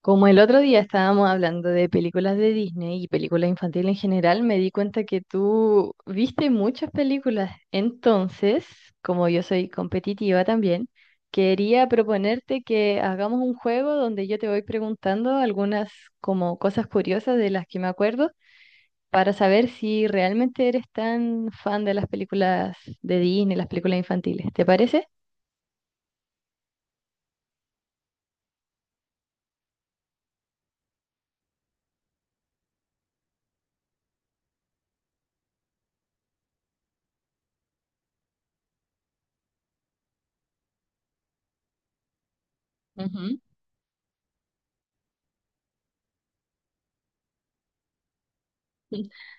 Como el otro día estábamos hablando de películas de Disney y películas infantiles en general, me di cuenta que tú viste muchas películas. Entonces, como yo soy competitiva también, quería proponerte que hagamos un juego donde yo te voy preguntando algunas como cosas curiosas de las que me acuerdo para saber si realmente eres tan fan de las películas de Disney, las películas infantiles. ¿Te parece? Ujú.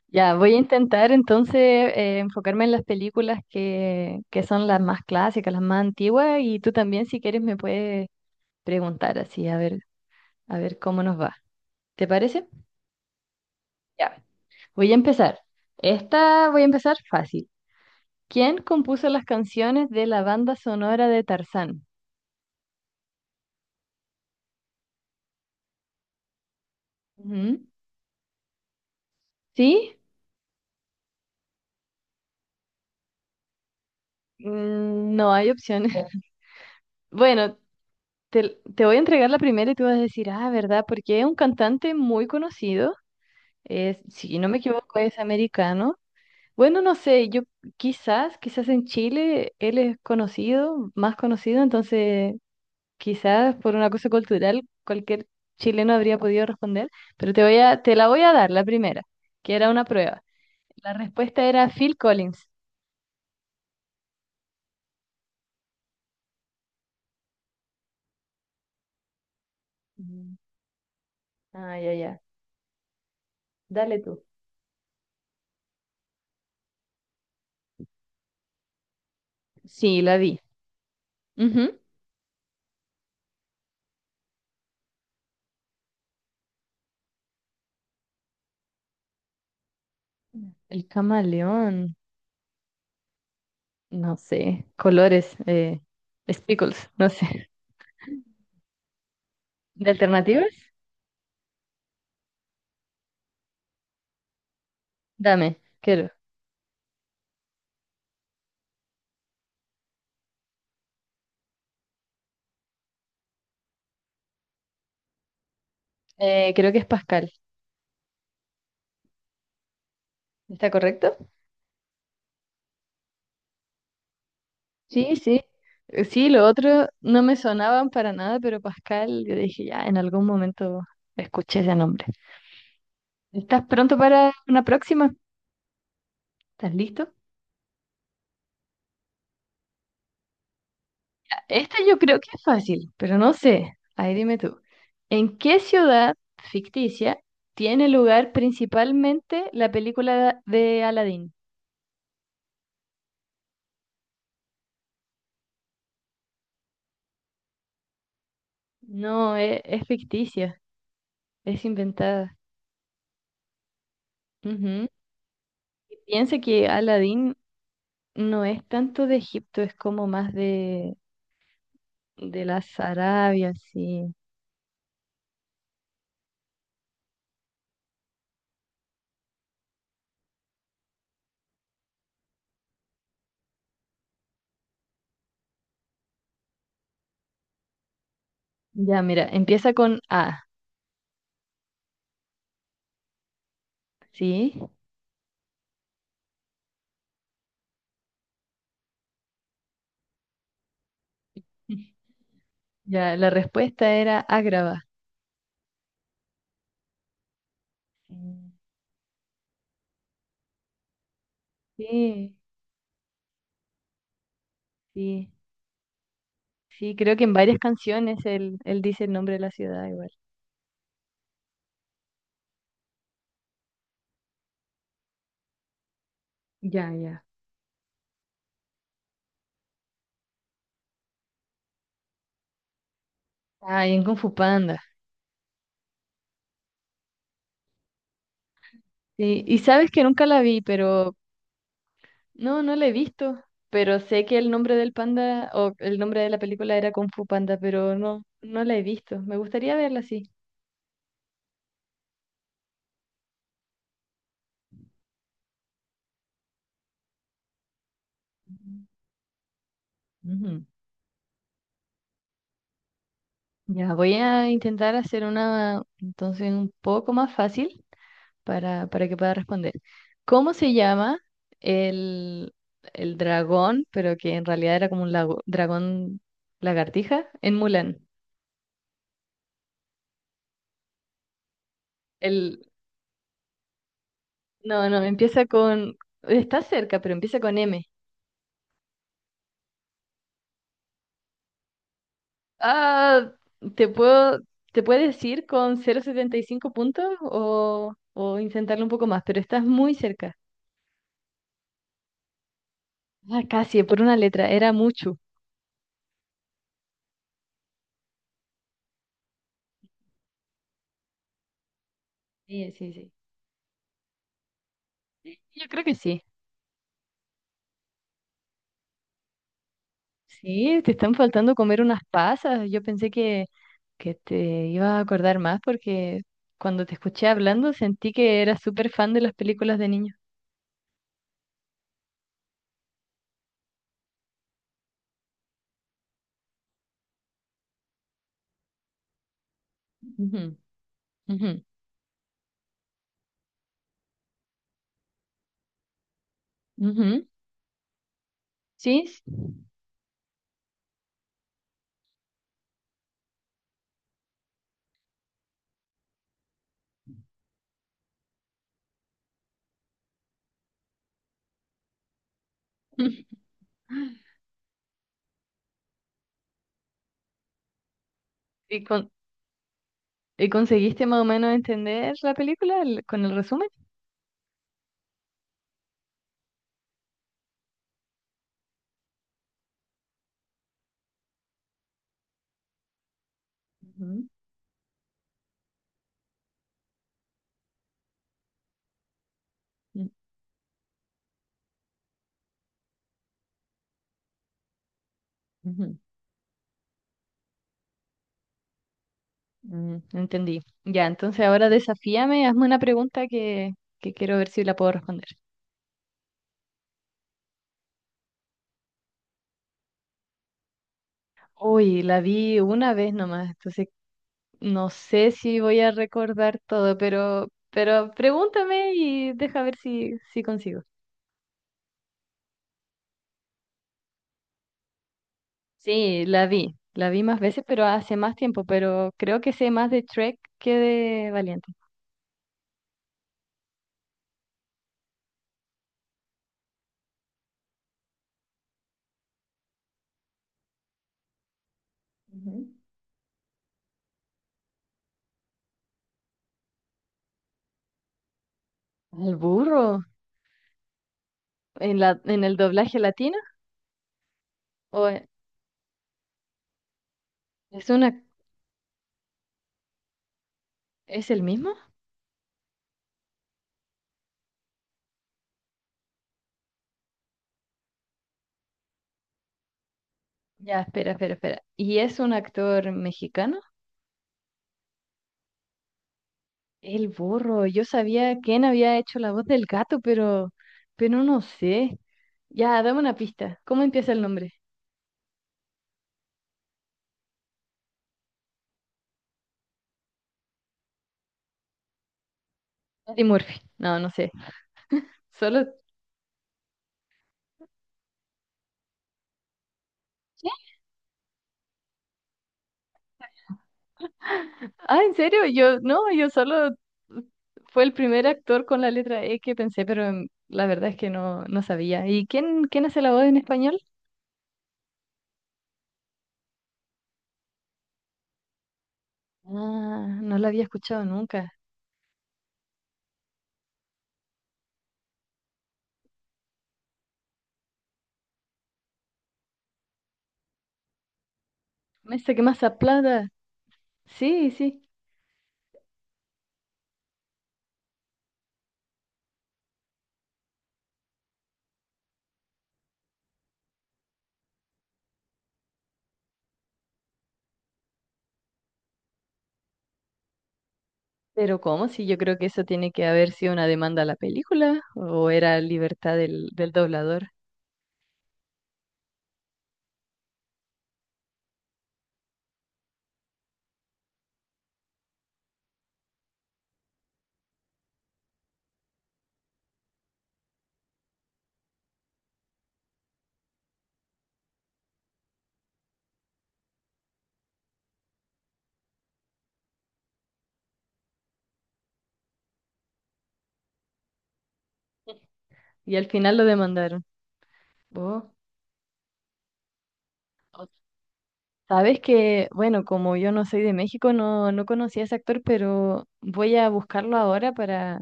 Ya, voy a intentar entonces enfocarme en las películas que son las más clásicas, las más antiguas, y tú también si quieres me puedes preguntar así, a ver cómo nos va. ¿Te parece? Ya, voy a empezar. Esta voy a empezar fácil. ¿Quién compuso las canciones de la banda sonora de Tarzán? Ujú. ¿Sí? Mm, no hay opciones. Bueno, te voy a entregar la primera y tú vas a decir, ah, ¿verdad? Porque es un cantante muy conocido. Es, si no me equivoco, es americano. Bueno, no sé, yo quizás en Chile él es conocido, más conocido, entonces quizás por una cosa cultural cualquier chileno habría podido responder, pero te voy a, te la voy a dar, la primera, que era una prueba. La respuesta era Phil Collins. Ujú. Ah, ya, ya. Dale tú. Sí, la vi. Ujú. Mm. El camaleón, no sé, colores, speckles, no sé. ¿De alternativas? Dame, quiero. Creo que es Pascal. ¿Está correcto? Sí, sí. Sí, lo otro no me sonaban para nada, pero Pascal, yo dije, ya, en algún momento escuché ese nombre. ¿Estás pronto para una próxima? ¿Estás listo? Esta yo creo que es fácil, pero no sé. Ahí dime tú. ¿En qué ciudad ficticia tiene lugar principalmente la película de Aladdin? No, es, ficticia, es inventada. Ujú. Piensa que Aladdin no es tanto de Egipto, es como más de las Arabias, sí. Ya, mira, empieza con A, ¿sí? Ya, la respuesta era Ágrava. Mm. Sí, sí, sí, creo que en varias canciones él dice el nombre de la ciudad igual. Ya, ya. Ah, y en Kung Fu Panda. Sí, y sabes que nunca la vi, pero no, no la he visto. Pero sé que el nombre del panda o el nombre de la película era Kung Fu Panda, pero no, no la he visto. Me gustaría verla, sí. Ujú. Ya, voy a intentar hacer una entonces un poco más fácil para que pueda responder. ¿Cómo se llama el, el dragón, pero que en realidad era como un dragón lagartija en Mulan? El, no, no, empieza con, está cerca, pero empieza con M. Ah, ¿te puedo, te puedes decir con 0,75 puntos o intentarlo un poco más? Pero estás muy cerca. Ah, casi, por una letra, era mucho. Sí, sí, sí. Sí, yo creo que sí. Sí, te están faltando comer unas pasas. Yo pensé que te ibas a acordar más porque cuando te escuché hablando sentí que eras súper fan de las películas de niños. Ujú, ujú, ujú. Sí. Sí. ¿Y, y conseguiste más o menos entender la película con el resumen? Ujú, mm, ujú, mm, entendí. Ya, entonces ahora desafíame, hazme una pregunta que quiero ver si la puedo responder. Uy, la vi una vez nomás, entonces no sé si voy a recordar todo, pero pregúntame y deja ver si, si consigo. Sí, la vi más veces, pero hace más tiempo, pero creo que sé más de Trek que de Valiente. Ujú. ¿El burro? ¿En la, en el doblaje latino? ¿O es una, es el mismo? Ya, espera, espera, espera. ¿Y es un actor mexicano? El burro, yo sabía quién había hecho la voz del gato, pero no sé. Ya, dame una pista. ¿Cómo empieza el nombre? Eddie Murphy. No, no sé. Solo. ¿Qué? Ah, ¿en serio? Yo, no, yo solo fue el primer actor con la letra E que pensé, pero mm, la verdad es que no, no sabía. ¿Y quién, quién hace la voz en español? Ah, no la había escuchado nunca. Me que más aplada. Sí, sí. Pero ¿cómo? Si yo creo que eso tiene que haber sido una demanda a la película o era libertad del doblador. Y al final lo demandaron. Oh. O- Sabes que, bueno, como yo no soy de México, no, no conocía a ese actor, pero voy a buscarlo ahora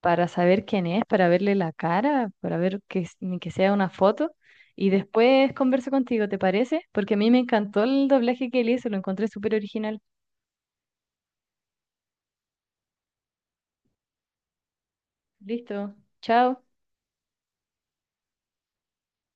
para saber quién es, para verle la cara, para ver que, s- ni que sea una foto. Y después converso contigo, ¿te parece? Porque a mí me encantó el doblaje que él hizo, lo encontré súper original. Listo, chao.